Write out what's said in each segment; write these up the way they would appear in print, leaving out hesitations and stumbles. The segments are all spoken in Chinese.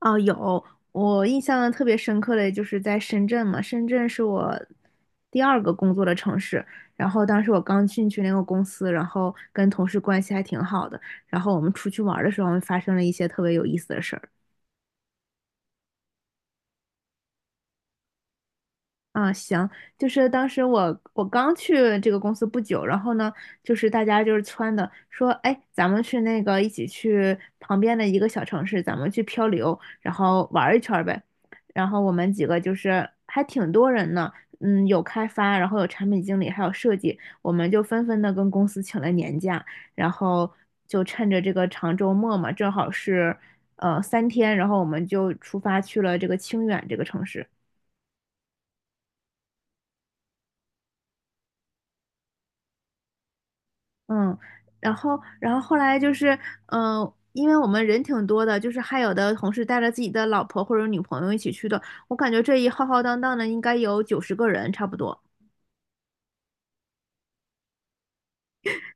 哦，有，我印象特别深刻的就是在深圳嘛，深圳是我第二个工作的城市。然后当时我刚进去那个公司，然后跟同事关系还挺好的。然后我们出去玩儿的时候，发生了一些特别有意思的事儿。啊，行，就是当时我刚去这个公司不久，然后呢，就是大家就是撺的说，哎，咱们去那个一起去旁边的一个小城市，咱们去漂流，然后玩儿一圈儿呗。然后我们几个就是还挺多人呢，有开发，然后有产品经理，还有设计，我们就纷纷的跟公司请了年假，然后就趁着这个长周末嘛，正好是三天，然后我们就出发去了这个清远这个城市。嗯，然后后来就是，因为我们人挺多的，就是还有的同事带着自己的老婆或者女朋友一起去的，我感觉这一浩浩荡荡的应该有90个人差不多。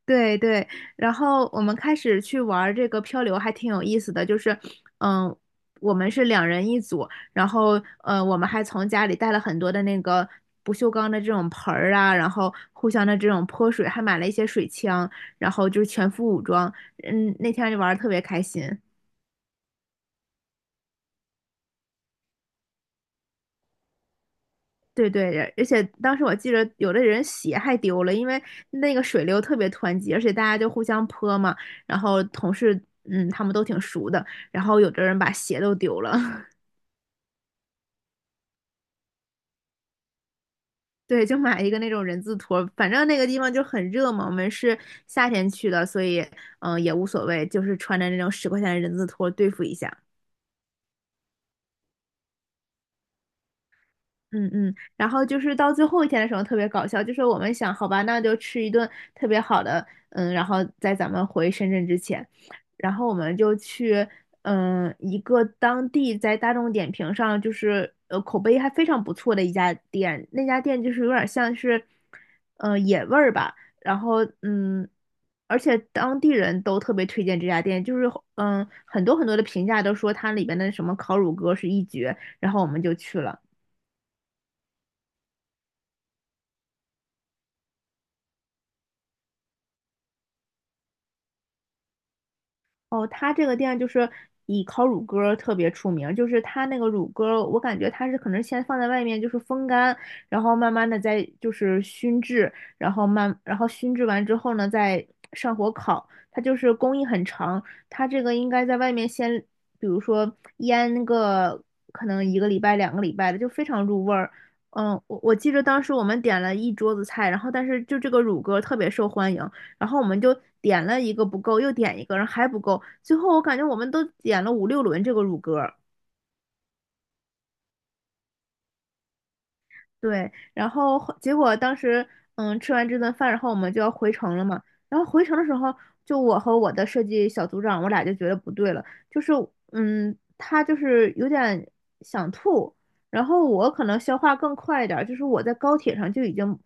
对对，然后我们开始去玩儿这个漂流，还挺有意思的。就是，嗯，我们是两人一组，然后，我们还从家里带了很多的那个不锈钢的这种盆儿啊，然后互相的这种泼水，还买了一些水枪，然后就是全副武装。嗯，那天就玩的特别开心。对对，而且当时我记着有的人鞋还丢了，因为那个水流特别湍急，而且大家就互相泼嘛，然后同事他们都挺熟的，然后有的人把鞋都丢了，对，就买一个那种人字拖，反正那个地方就很热嘛，我们是夏天去的，所以也无所谓，就是穿着那种10块钱的人字拖对付一下。嗯嗯，然后就是到最后一天的时候特别搞笑，就是我们想，好吧，那就吃一顿特别好的，然后在咱们回深圳之前，然后我们就去，一个当地在大众点评上就是口碑还非常不错的一家店，那家店就是有点像是，野味儿吧，然后而且当地人都特别推荐这家店，就是很多很多的评价都说它里边的什么烤乳鸽是一绝，然后我们就去了。哦，他这个店就是以烤乳鸽儿特别出名儿，就是他那个乳鸽儿我感觉他是可能先放在外面就是风干，然后慢慢的再就是熏制，然后然后熏制完之后呢，再上火烤。它就是工艺很长，它这个应该在外面先，比如说腌个可能一个礼拜、2个礼拜的，就非常入味儿。嗯，我记得当时我们点了一桌子菜，然后但是就这个乳鸽儿特别受欢迎，然后我们就点了一个不够，又点一个，然后还不够，最后我感觉我们都点了五六轮这个乳鸽。对，然后结果当时，吃完这顿饭，然后我们就要回城了嘛。然后回城的时候，就我和我的设计小组长，我俩就觉得不对了，就是，他就是有点想吐，然后我可能消化更快一点儿，就是我在高铁上就已经，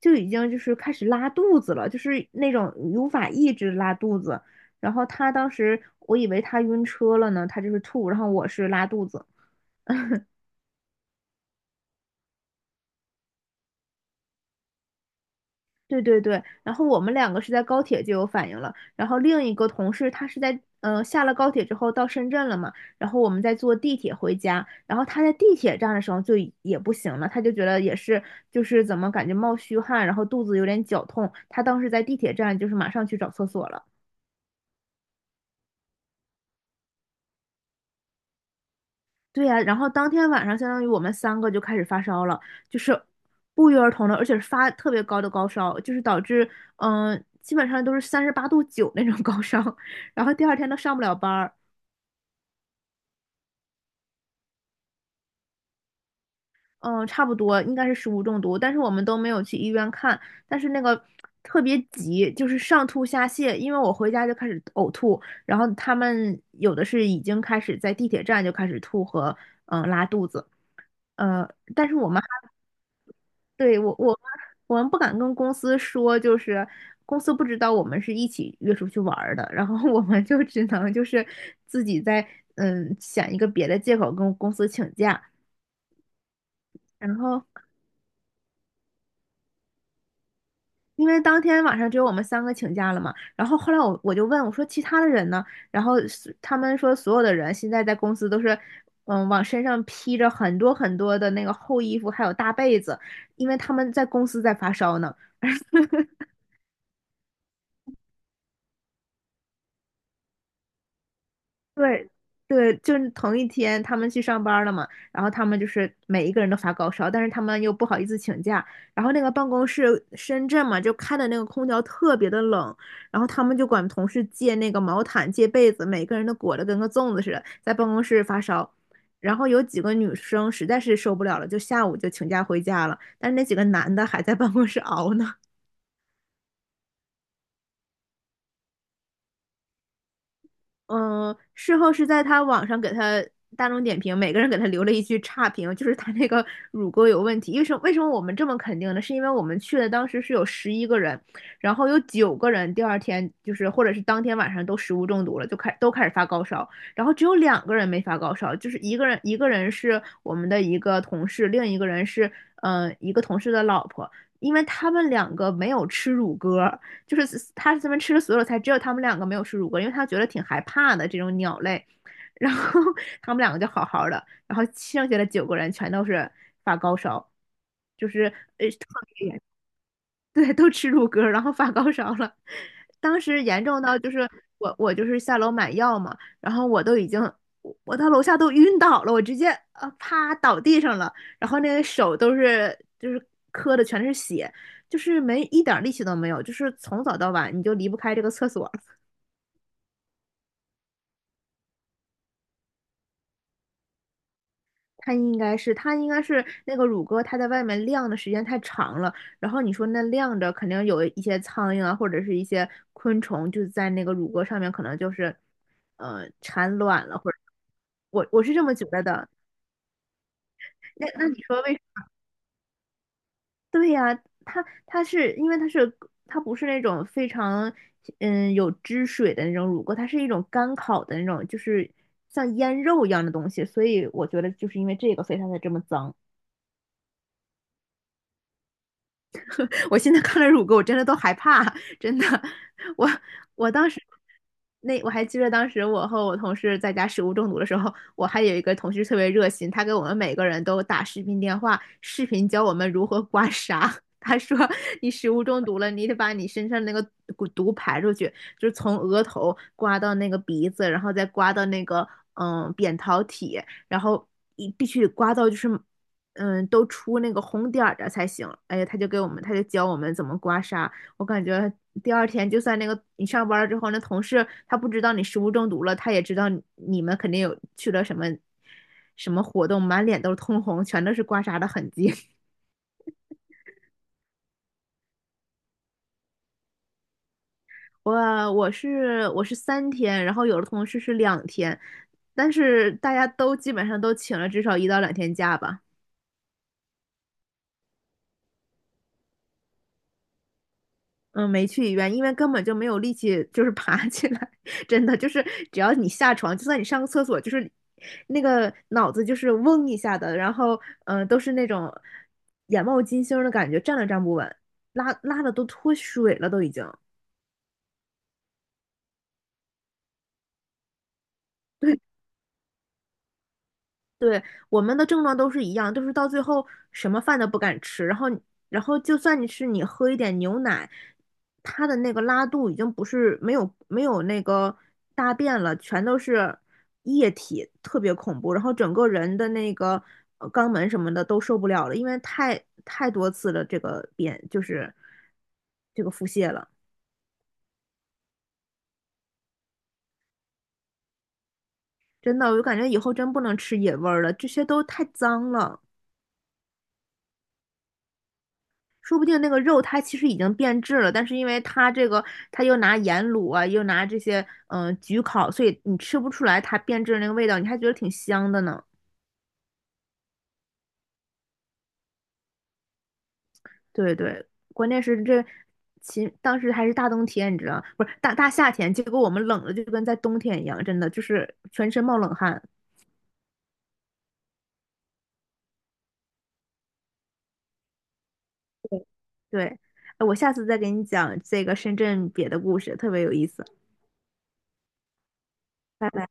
就已经就是开始拉肚子了，就是那种无法抑制拉肚子。然后他当时，我以为他晕车了呢，他就是吐，然后我是拉肚子。对对对，然后我们两个是在高铁就有反应了，然后另一个同事他是在下了高铁之后到深圳了嘛，然后我们在坐地铁回家，然后他在地铁站的时候也不行了，他就觉得也是就是怎么感觉冒虚汗，然后肚子有点绞痛，他当时在地铁站就是马上去找厕所了。对呀、然后当天晚上，相当于我们三个就开始发烧了，就是不约而同的，而且是发特别高的高烧，就是导致基本上都是38.9度那种高烧，然后第二天都上不了班儿，嗯、差不多应该是食物中毒，但是我们都没有去医院看，但是那个特别急，就是上吐下泻，因为我回家就开始呕吐，然后他们有的是已经开始在地铁站就开始吐和拉肚子。呃，但是我们。对，我们不敢跟公司说，就是公司不知道我们是一起约出去玩儿的，然后我们就只能就是自己在想一个别的借口跟公司请假，然后因为当天晚上只有我们三个请假了嘛，然后后来我就问我说其他的人呢，然后是他们说所有的人现在在公司都是。嗯，往身上披着很多很多的那个厚衣服，还有大被子，因为他们在公司在发烧呢。对对，就是同一天他们去上班了嘛，然后他们就是每一个人都发高烧，但是他们又不好意思请假，然后那个办公室深圳嘛，就开的那个空调特别的冷，然后他们就管同事借那个毛毯、借被子，每个人都裹得跟个粽子似的，在办公室发烧。然后有几个女生实在是受不了了，就下午就请假回家了，但是那几个男的还在办公室熬呢。嗯，事后是在他网上给他大众点评，每个人给他留了一句差评，就是他那个 乳沟有问题。为什么我们这么肯定呢？是因为我们去的当时是有11个人，然后有九个人第二天就是或者是当天晚上都食物中毒了，都开始发高烧，然后只有两个人没发高烧，就是一个人是我们的一个同事，另一个人是一个同事的老婆，因为他们两个没有吃乳鸽，就是他这边吃了所有菜，只有他们两个没有吃乳鸽，因为他觉得挺害怕的这种鸟类。然后他们两个就好好的，然后剩下的九个人全都是发高烧，就是呃对，都吃乳鸽然后发高烧了。当时严重到就是我就是下楼买药嘛，然后我到楼下都晕倒了，我直接啪倒地上了，然后那个手都是就是磕的全是血，就是没一点力气都没有，就是从早到晚你就离不开这个厕所，它应该是，它应该是那个乳鸽，它在外面晾的时间太长了。然后你说那晾着，肯定有一些苍蝇啊，或者是一些昆虫，就在那个乳鸽上面，可能就是，产卵了，或者我是这么觉得的。那你说为对呀、它是因为它是它不是那种非常有汁水的那种乳鸽，它是一种干烤的那种，就是像腌肉一样的东西，所以我觉得就是因为这个，所以它才这么脏。我现在看了乳沟，我真的都害怕，真的。我我当时那我还记得，当时我和我同事在家食物中毒的时候，我还有一个同事特别热心，他给我们每个人都打视频电话，视频教我们如何刮痧。他说：“你食物中毒了，你得把你身上那个毒排出去，就是从额头刮到那个鼻子，然后再刮到那个扁桃体，然后必须刮到就是都出那个红点儿的才行。哎呀，他就给我们，他就教我们怎么刮痧。我感觉第二天就算那个你上班了之后，那同事他不知道你食物中毒了，他也知道你你们肯定有去了什么什么活动，满脸都是通红，全都是刮痧的痕迹。我我是三天，然后有的同事是两天，但是大家都基本上都请了至少一到两天假吧。嗯，没去医院，因为根本就没有力气，就是 爬起来。真的，就是只要你下床，就算你上个厕所，就是那个脑子就是嗡一下的，然后都是那种眼冒金星的感觉，站都站不稳，拉拉的都脱水了，都已经。对，对，我们的症状都是一样，都是到最后什么饭都不敢吃，然后就算你是你喝一点牛奶，它的那个拉肚已经不是没有那个大便了，全都是液体，特别恐怖，然后整个人的那个肛门什么的都受不了了，因为太多次了，这个便就是这个腹泻了，真的，我就感觉以后真不能吃野味儿了，这些都太脏了。说不定那个肉它其实已经变质了，但是因为它这个，它又拿盐卤啊，又拿这些焗烤，所以你吃不出来它变质的那个味道，你还觉得挺香的呢。对对，关键是这，当时还是大冬天，你知道，不是大夏天，结果我们冷的就跟在冬天一样，真的就是全身冒冷汗。对对，哎我下次再给你讲这个深圳别的故事，特别有意思。拜拜。